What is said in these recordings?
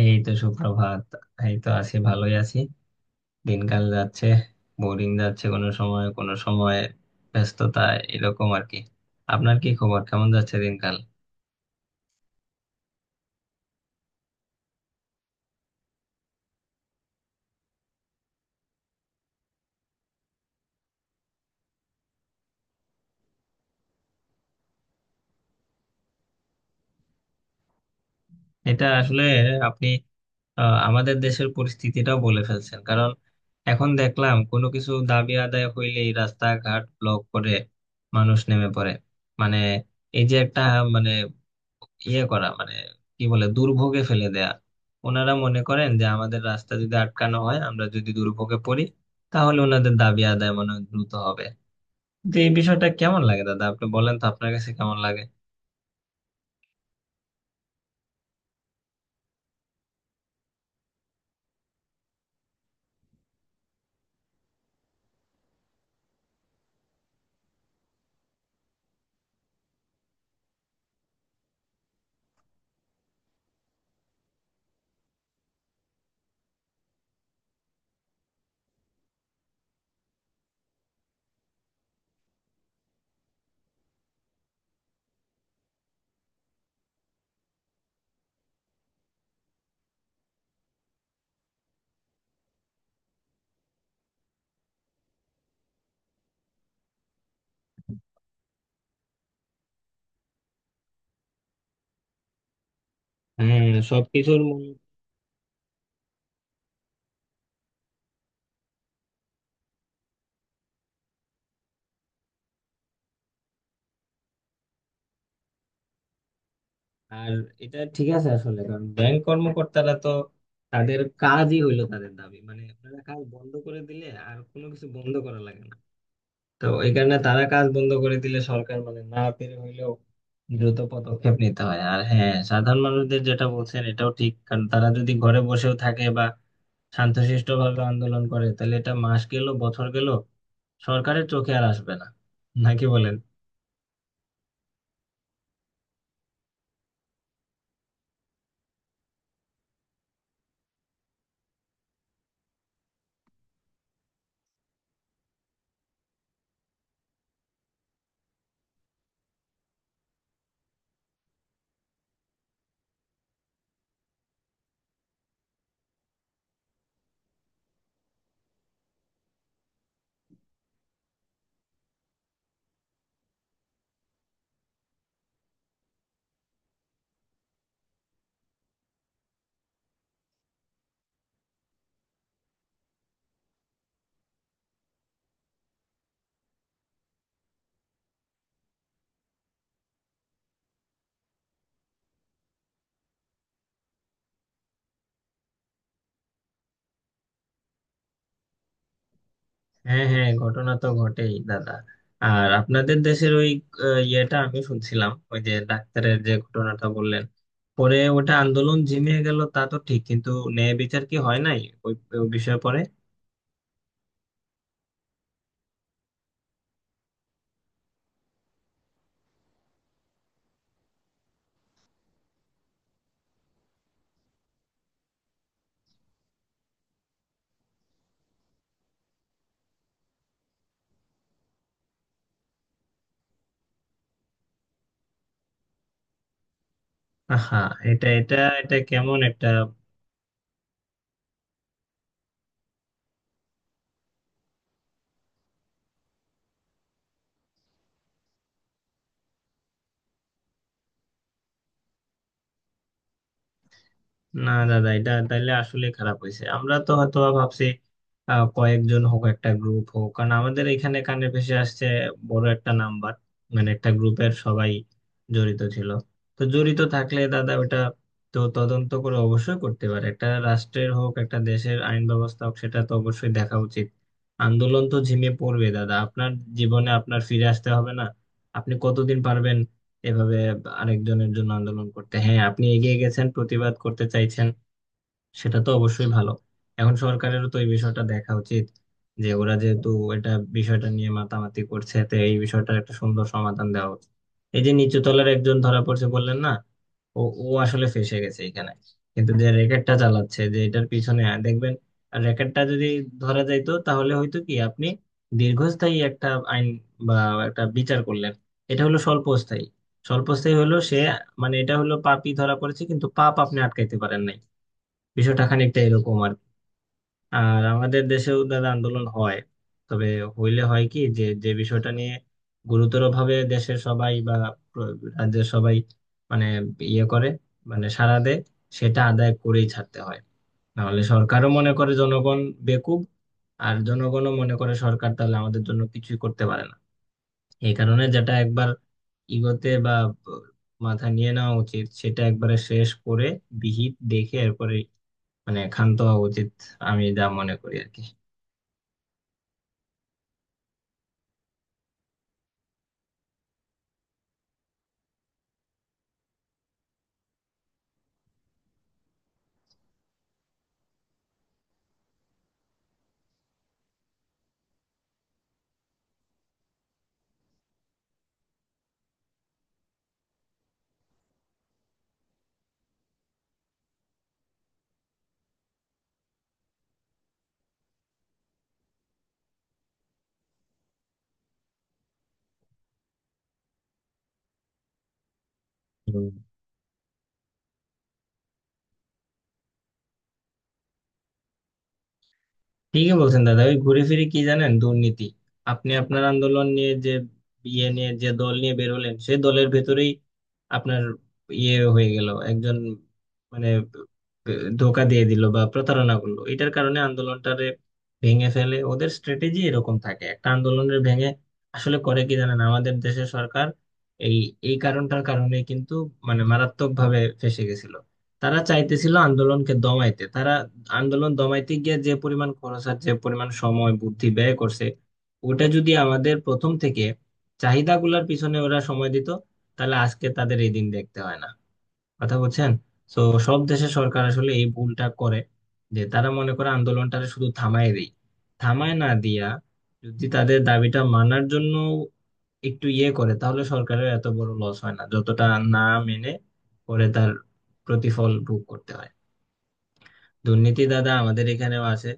এই তো সুপ্রভাত, এই তো আছি, ভালোই আছি। দিনকাল যাচ্ছে, বোরিং যাচ্ছে কোনো সময়, কোনো সময় ব্যস্ততা, এরকম আর কি। আপনার কি খবর, কেমন যাচ্ছে দিনকাল? এটা আসলে আপনি আমাদের দেশের পরিস্থিতিটাও বলে ফেলছেন, কারণ এখন দেখলাম কোনো কিছু দাবি আদায় হইলেই রাস্তাঘাট ব্লক করে মানুষ নেমে পড়ে। মানে এই যে একটা, মানে ইয়ে করা মানে কি বলে দুর্ভোগে ফেলে দেয়া। ওনারা মনে করেন যে আমাদের রাস্তা যদি আটকানো হয়, আমরা যদি দুর্ভোগে পড়ি, তাহলে ওনাদের দাবি আদায় মনে হয় দ্রুত হবে। তো এই বিষয়টা কেমন লাগে দাদা, আপনি বলেন তো আপনার কাছে কেমন লাগে? হ্যাঁ, সবকিছুর মূল। আর এটা ঠিক আছে আসলে, কারণ ব্যাংক কর্মকর্তারা তো, তাদের কাজই হইলো তাদের দাবি, মানে আপনারা কাজ বন্ধ করে দিলে আর কোনো কিছু বন্ধ করা লাগে না। তো এই কারণে তারা কাজ বন্ধ করে দিলে সরকার মানে না পেরে হইলেও দ্রুত পদক্ষেপ নিতে হয়। আর হ্যাঁ, সাধারণ মানুষদের যেটা বলছেন এটাও ঠিক, কারণ তারা যদি ঘরে বসেও থাকে বা শান্তশিষ্ট ভাবে আন্দোলন করে, তাহলে এটা মাস গেল বছর গেল, সরকারের চোখে আর আসবে না। নাকি বলেন? হ্যাঁ হ্যাঁ, ঘটনা তো ঘটেই দাদা। আর আপনাদের দেশের ওই ইয়েটা আমি শুনছিলাম, ওই যে ডাক্তারের যে ঘটনাটা বললেন, পরে ওটা আন্দোলন ঝিমিয়ে গেল তা তো ঠিক, কিন্তু ন্যায় বিচার কি হয় নাই ওই, ওই বিষয়ে পরে? হ্যাঁ, এটা এটা। এটা কেমন একটা। না দাদা, এটা তাইলে আসলে খারাপ হয়েছে। আমরা তো হয়তো ভাবছি কয়েকজন হোক, একটা গ্রুপ হোক, কারণ আমাদের এখানে কানে ভেসে আসছে বড় একটা নাম্বার, মানে একটা গ্রুপের সবাই জড়িত ছিল। তো জড়িত থাকলে দাদা, ওটা তো তদন্ত করে অবশ্যই করতে পারে, একটা রাষ্ট্রের হোক, একটা দেশের আইন ব্যবস্থা হোক, সেটা তো অবশ্যই দেখা উচিত। আন্দোলন তো ঝিমিয়ে পড়বে দাদা, আপনার জীবনে আপনার ফিরে আসতে হবে না? আপনি কতদিন পারবেন এভাবে আরেকজনের জন্য আন্দোলন করতে? হ্যাঁ, আপনি এগিয়ে গেছেন, প্রতিবাদ করতে চাইছেন, সেটা তো অবশ্যই ভালো। এখন সরকারেরও তো এই বিষয়টা দেখা উচিত যে ওরা যেহেতু এটা বিষয়টা নিয়ে মাতামাতি করছে, তো এই বিষয়টার একটা সুন্দর সমাধান দেওয়া উচিত। এই যে নিচু তলার একজন ধরা পড়ছে বললেন না, ও ও আসলে ফেঁসে গেছে এখানে, কিন্তু যে র্যাকেটটা চালাচ্ছে, যে এটার পিছনে দেখবেন, র্যাকেটটা যদি ধরা যাইতো তাহলে হয়তো কি আপনি দীর্ঘস্থায়ী একটা আইন বা একটা বিচার করলেন। এটা হলো স্বল্পস্থায়ী, স্বল্পস্থায়ী হলো সে, মানে এটা হলো পাপই ধরা পড়েছে কিন্তু পাপ আপনি আটকাইতে পারেন নাই। বিষয়টা খানিকটা এরকম আর কি। আর আমাদের দেশেও দাদা আন্দোলন হয়, তবে হইলে হয় কি, যে যে বিষয়টা নিয়ে গুরুতরভাবে দেশের সবাই বা রাজ্যের সবাই মানে ইয়ে করে, মানে সাড়া দেয়, সেটা আদায় করেই ছাড়তে হয়। নাহলে সরকারও মনে করে জনগণ বেকুব, আর জনগণও মনে করে সরকার তাহলে আমাদের জন্য কিছুই করতে পারে না। এই কারণে যেটা একবার ইগোতে বা মাথা নিয়ে নেওয়া উচিত, সেটা একবারে শেষ করে, বিহিত দেখে এরপরে মানে ক্ষান্ত হওয়া উচিত। আমি যা মনে করি আর কি। হম, ঠিকই বলছেন দাদা। ওই ঘুরে ফিরে কি জানেন, দুর্নীতি। আপনি আপনার আন্দোলন নিয়ে যে ইয়ে নিয়ে যে দল নিয়ে বেরোলেন, সেই দলের ভেতরেই আপনার ইয়ে হয়ে গেল একজন, মানে ধোকা দিয়ে দিল বা প্রতারণা করলো। এটার কারণে আন্দোলনটারে ভেঙে ফেলে, ওদের স্ট্র্যাটেজি এরকম থাকে একটা আন্দোলনের ভেঙে। আসলে করে কি জানেন আমাদের দেশের সরকার এই, এই কারণটার কারণে কিন্তু মানে মারাত্মক ভাবে ফেঁসে গেছিল। তারা চাইতেছিল আন্দোলনকে দমাইতে, তারা আন্দোলন দমাইতে গিয়ে যে পরিমাণ খরচ আর যে পরিমাণ সময় বুদ্ধি ব্যয় করছে, ওটা যদি আমাদের প্রথম থেকে চাহিদাগুলোর পিছনে ওরা সময় দিত, তাহলে আজকে তাদের এই দিন দেখতে হয় না। কথা বলছেন। তো সব দেশের সরকার আসলে এই ভুলটা করে, যে তারা মনে করে আন্দোলনটারে শুধু থামায় দেয়। থামায় না দিয়া, যদি তাদের দাবিটা মানার জন্য একটু ইয়ে করে, তাহলে সরকারের এত বড় লস হয় না, যতটা না মেনে পরে তার প্রতিফল ভোগ করতে হয়। দুর্নীতি দাদা আমাদের এখানেও আছে।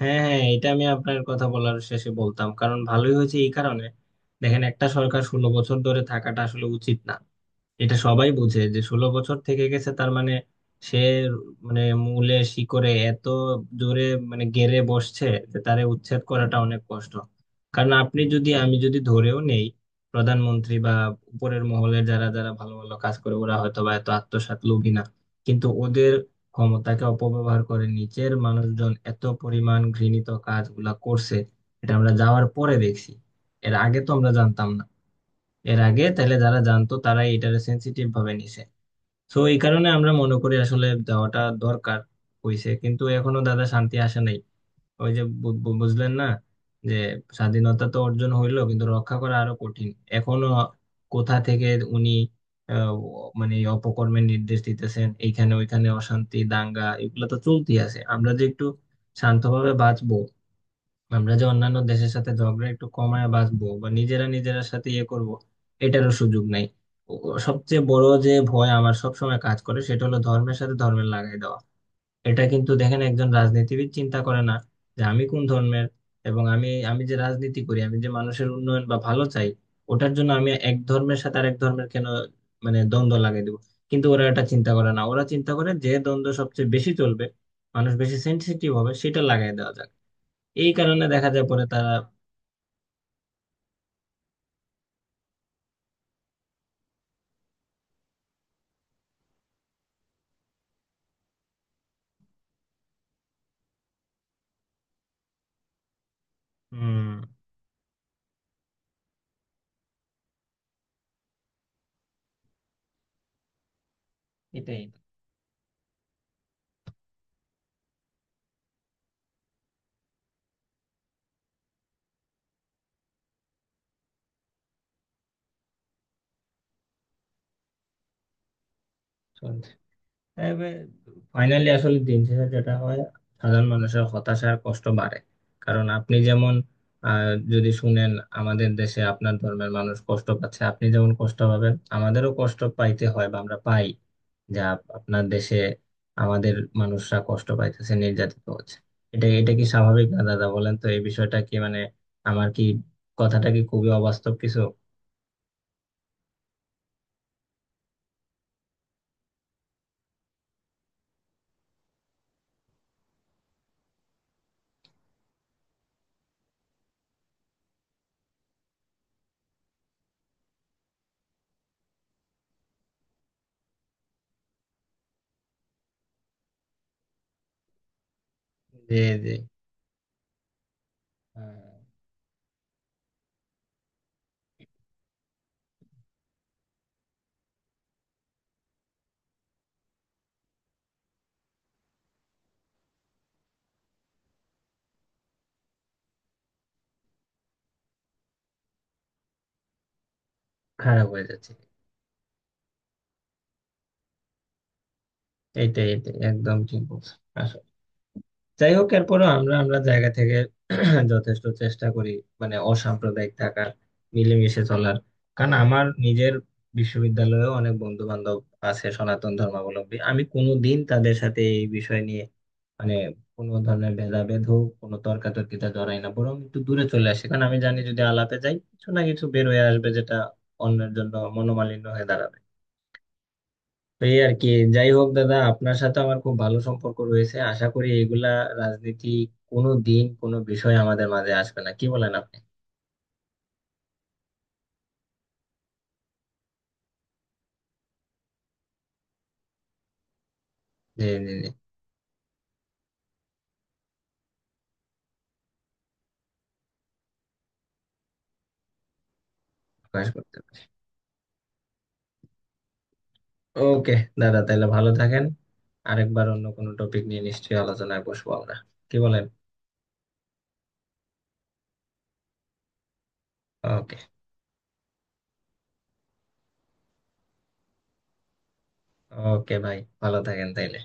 হ্যাঁ হ্যাঁ, এটা আমি আপনার কথা বলার শেষে বলতাম, কারণ ভালোই হয়েছে এই কারণে। দেখেন, একটা সরকার 16 বছর ধরে থাকাটা আসলে উচিত না। এটা সবাই বুঝে যে 16 বছর থেকে গেছে, তার মানে সে, মানে মূলে শিকড়ে এত জোরে মানে গেড়ে বসছে যে তারে উচ্ছেদ করাটা অনেক কষ্ট। কারণ আপনি যদি, আমি যদি ধরেও নেই প্রধানমন্ত্রী বা উপরের মহলে যারা যারা ভালো ভালো কাজ করে ওরা হয়তো বা এত আত্মসাৎ লোভী না, কিন্তু ওদের ক্ষমতাকে অপব্যবহার করে নিচের মানুষজন এত পরিমাণ ঘৃণিত কাজগুলা করছে, এটা আমরা যাওয়ার পরে দেখছি। এর আগে তো আমরা জানতাম না। এর আগে তাহলে যারা জানতো, তারা এটারে সেন্সিটিভ ভাবে নিছে। তো এই কারণে আমরা মনে করি আসলে দেওয়াটা দরকার হইছে, কিন্তু এখনো দাদা শান্তি আসে নাই। ওই যে বু- বু- বুঝলেন না, যে স্বাধীনতা তো অর্জন হইলো কিন্তু রক্ষা করা আরো কঠিন। এখনো কোথা থেকে উনি আহ, মানে এই অপকর্মের নির্দেশ দিতেছেন, এইখানে ওইখানে অশান্তি দাঙ্গা এগুলো তো চলতেই আছে। আমরা যে একটু শান্তভাবে বাঁচবো, আমরা যে অন্যান্য দেশের সাথে ঝগড়া একটু কমায় বাঁচবো বা নিজেরা নিজেরা সাথে ইয়ে করব, এটারও সুযোগ নাই। ও সবচেয়ে বড় যে ভয় আমার সবসময় কাজ করে, সেটা হলো ধর্মের সাথে ধর্মের লাগাই দেওয়া। এটা কিন্তু দেখেন একজন রাজনীতিবিদ চিন্তা করে না যে আমি কোন ধর্মের, এবং আমি আমি যে রাজনীতি করি, আমি যে মানুষের উন্নয়ন বা ভালো চাই, ওটার জন্য আমি এক ধর্মের সাথে আরেক ধর্মের কেন মানে দ্বন্দ্ব লাগাই দেবো। কিন্তু ওরা এটা চিন্তা করে না, ওরা চিন্তা করে যে দ্বন্দ্ব সবচেয়ে বেশি চলবে, মানুষ বেশি সেনসিটিভ হবে, সেটা লাগাই দেওয়া যাক। এই কারণে দেখা যায় পরে তারা, উম এটাই চলছে। তবে ফাইনালি আসলে দিন শেষে যেটা হয়, সাধারণ মানুষের হতাশা আর কষ্ট বাড়ে। কারণ আপনি যেমন, আহ, যদি শুনেন আমাদের দেশে আপনার ধর্মের মানুষ কষ্ট পাচ্ছে, আপনি যেমন কষ্ট পাবেন, আমাদেরও কষ্ট পাইতে হয় বা আমরা পাই যা আপনার দেশে আমাদের মানুষরা কষ্ট পাইতেছে, নির্যাতিত হচ্ছে। এটা, এটা কি স্বাভাবিক না দাদা বলেন তো? এই বিষয়টা কি মানে আমার, কি কথাটা কি খুবই অবাস্তব কিছু? যে যে, হ্যাঁ, খারাপ হয়ে যাচ্ছে। এইটাই, এটাই একদম ঠিক বলছো। আসলে যাই হোক এরপরও আমরা আমরা জায়গা থেকে যথেষ্ট চেষ্টা করি মানে অসাম্প্রদায়িক থাকার, মিলেমিশে চলার। কারণ আমার নিজের বিশ্ববিদ্যালয়েও অনেক বন্ধু বান্ধব আছে সনাতন ধর্মাবলম্বী, আমি কোনোদিন তাদের সাথে এই বিষয় নিয়ে মানে কোনো ধরনের ভেদাভেদ হোক, কোনো তর্কাতর্কিতে জড়াই না, বরং একটু দূরে চলে আসি। কারণ আমি জানি যদি আলাপে যাই কিছু না কিছু বের হয়ে আসবে, যেটা অন্যের জন্য মনোমালিন্য হয়ে দাঁড়াবে। তো এই আর কি। যাই হোক দাদা, আপনার সাথে আমার খুব ভালো সম্পর্ক রয়েছে, আশা করি এগুলা রাজনীতি কোনো দিন কোনো বিষয় আমাদের মাঝে আসবে না। কি বলেন আপনি? জি জি জি, প্রকাশ করতে। ওকে, দাদা তাহলে ভালো থাকেন। আরেকবার অন্য কোনো টপিক নিয়ে নিশ্চয়ই আলোচনায় বসবো আমরা। কি বলেন? ওকে। ওকে ভাই, ভালো থাকেন তাইলে।